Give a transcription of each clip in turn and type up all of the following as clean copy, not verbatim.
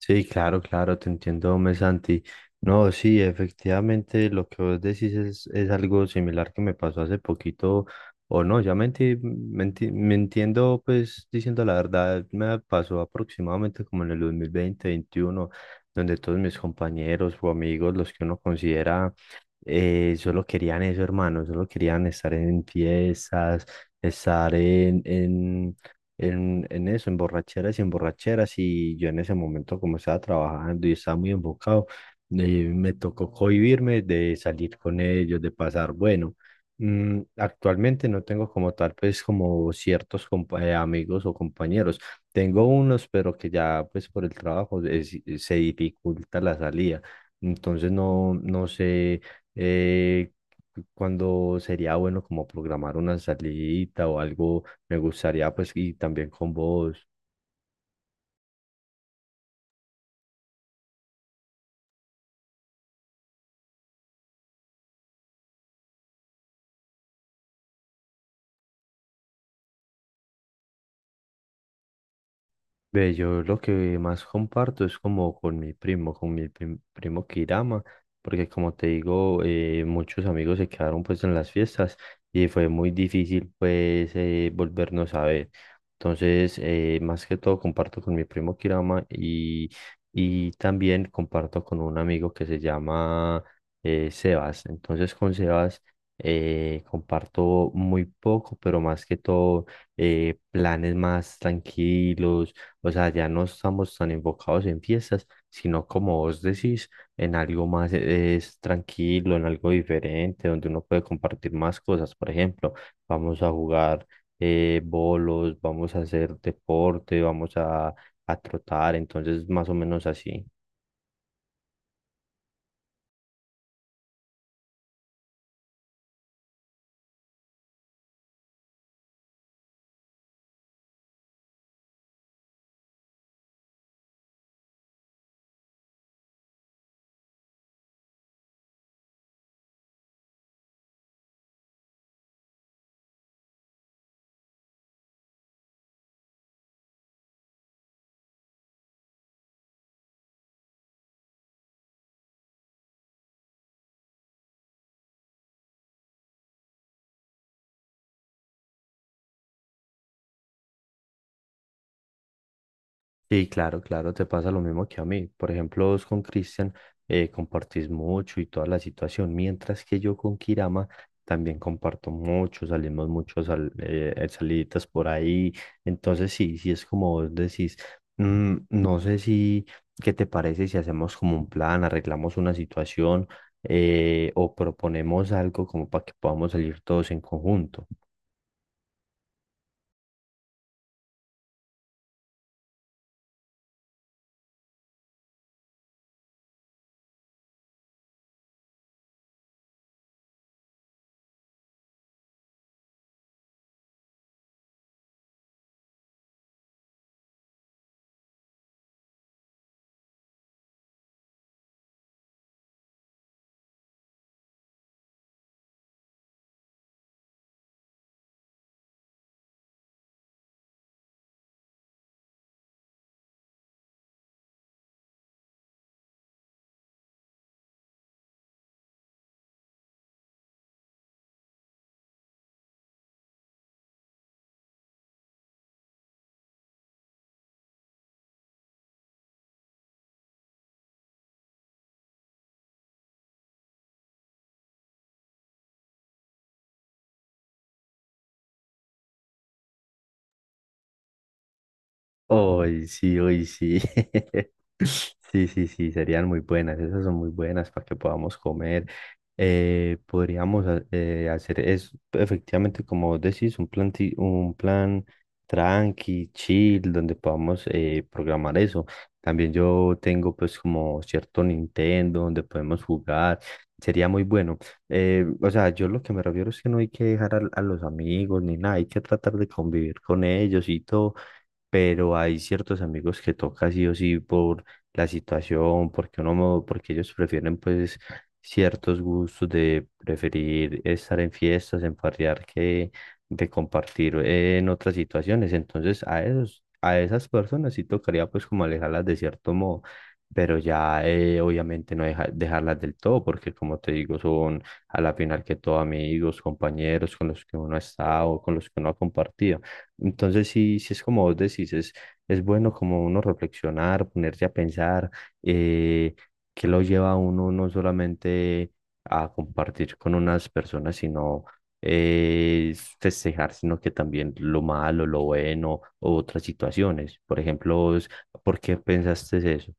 Sí, claro, claro, te entiendo, hombre, Santi. No, sí, efectivamente, lo que vos decís es algo similar que me pasó hace poquito. O no, ya me, me entiendo, pues, diciendo la verdad, me pasó aproximadamente como en el 2020, veintiuno, donde todos mis compañeros o amigos, los que uno considera, solo querían eso, hermano, solo querían estar en fiestas, estar en eso, en borracheras, y yo en ese momento como estaba trabajando y estaba muy enfocado. Me tocó cohibirme de salir con ellos, de pasar, bueno, actualmente no tengo como tal, pues como ciertos amigos o compañeros, tengo unos, pero que ya pues por el trabajo se dificulta la salida, entonces no, no sé... Eh, Cuándo sería bueno como programar una salidita o algo me gustaría, pues, y también con vos. Ve, yo lo que más comparto es como con mi primo, con mi primo Kirama, porque como te digo, muchos amigos se quedaron pues en las fiestas y fue muy difícil pues volvernos a ver. Entonces, más que todo comparto con mi primo Kirama y también comparto con un amigo que se llama Sebas. Entonces, con Sebas comparto muy poco, pero más que todo planes más tranquilos. O sea, ya no estamos tan enfocados en fiestas, sino como vos decís, en algo más es tranquilo, en algo diferente, donde uno puede compartir más cosas. Por ejemplo, vamos a jugar bolos, vamos a hacer deporte, vamos a trotar, entonces más o menos así. Sí, claro, claro, te pasa lo mismo que a mí. Por ejemplo, vos con Cristian compartís mucho y toda la situación, mientras que yo con Kirama también comparto mucho, salimos mucho saliditas por ahí. Entonces, sí, sí es como vos decís, no sé si, ¿qué te parece si hacemos como un plan, arreglamos una situación, o proponemos algo como para que podamos salir todos en conjunto? Hoy sí, hoy sí. Sí, sí, sí, serían muy buenas. Esas son muy buenas para que podamos comer. Eh, podríamos hacer es efectivamente, como vos decís, un plan, un plan tranqui, chill, donde podamos programar eso. También yo tengo pues como cierto Nintendo donde podemos jugar. Sería muy bueno. O sea, yo lo que me refiero es que no hay que dejar a los amigos ni nada, hay que tratar de convivir con ellos y todo, pero hay ciertos amigos que toca sí o sí por la situación, porque uno, porque ellos prefieren pues ciertos gustos de preferir estar en fiestas, en farrear que de compartir en otras situaciones. Entonces a esos, a esas personas sí tocaría pues como alejarlas de cierto modo. Pero ya obviamente no dejarlas del todo, porque como te digo, son a la final que todo amigos, compañeros con los que uno ha estado, con los que uno ha compartido. Entonces, sí, sí es como vos decís, es bueno como uno reflexionar, ponerse a pensar, eh, que lo lleva a uno no solamente a compartir con unas personas, sino eh, festejar, sino que también lo malo, lo bueno, u otras situaciones. Por ejemplo, vos, ¿por qué pensaste eso?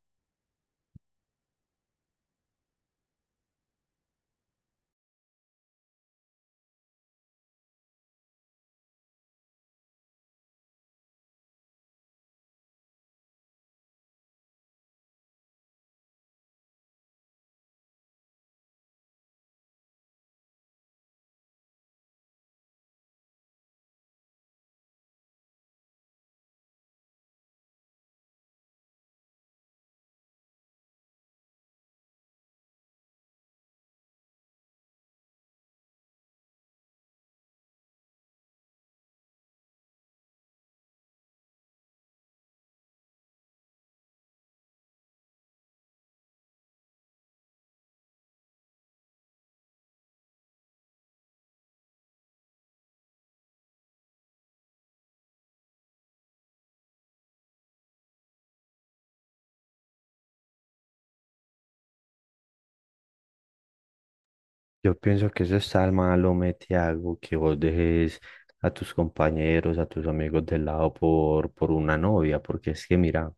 Yo pienso que eso está al malo, Metiago, que vos dejes a tus compañeros, a tus amigos de lado por una novia, porque es que mira,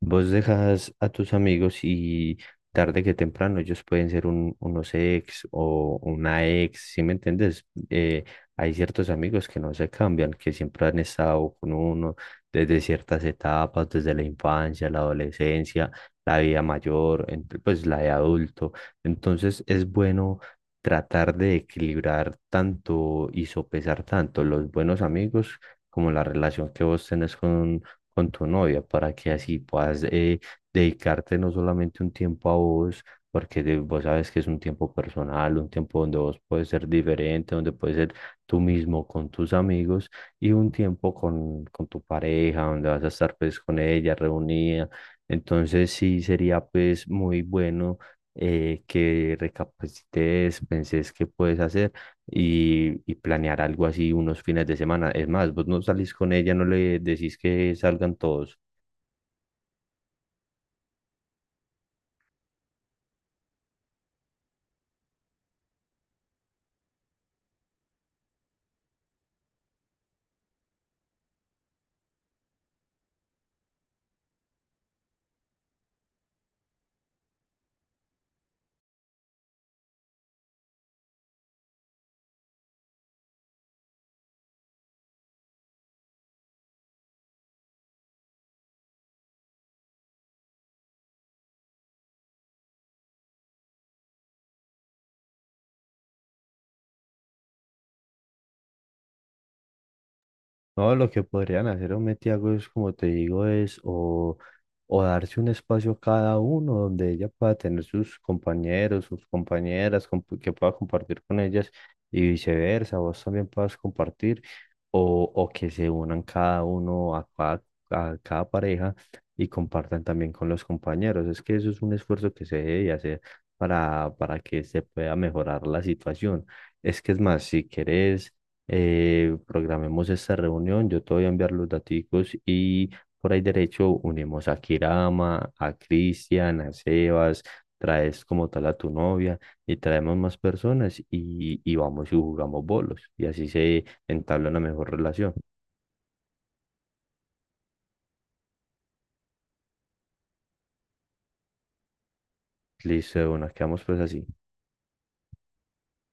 vos dejas a tus amigos y tarde que temprano ellos pueden ser un, unos ex o una ex, ¿sí me entiendes? Hay ciertos amigos que no se cambian, que siempre han estado con uno desde ciertas etapas, desde la infancia, la adolescencia, la vida mayor, pues la de adulto. Entonces es bueno tratar de equilibrar tanto y sopesar tanto los buenos amigos como la relación que vos tenés con tu novia, para que así puedas dedicarte no solamente un tiempo a vos, porque vos sabes que es un tiempo personal, un tiempo donde vos puedes ser diferente, donde puedes ser tú mismo con tus amigos y un tiempo con tu pareja, donde vas a estar pues con ella reunida. Entonces sí sería pues muy bueno, que recapacites, penses qué puedes hacer y planear algo así unos fines de semana. Es más, vos no salís con ella, no le decís que salgan todos. No, lo que podrían hacer o Metiago es, como te digo, es o darse un espacio cada uno donde ella pueda tener sus compañeros, sus compañeras, que pueda compartir con ellas y viceversa, vos también puedas compartir, o que se unan cada uno a cada pareja y compartan también con los compañeros. Es que eso es un esfuerzo que se debe hacer para que se pueda mejorar la situación. Es que es más, si quieres programemos esta reunión, yo te voy a enviar los daticos y por ahí derecho unimos a Kirama, a Cristian, a Sebas, traes como tal a tu novia y traemos más personas y vamos y jugamos bolos y así se entabla una mejor relación. Listo, de una, quedamos pues así.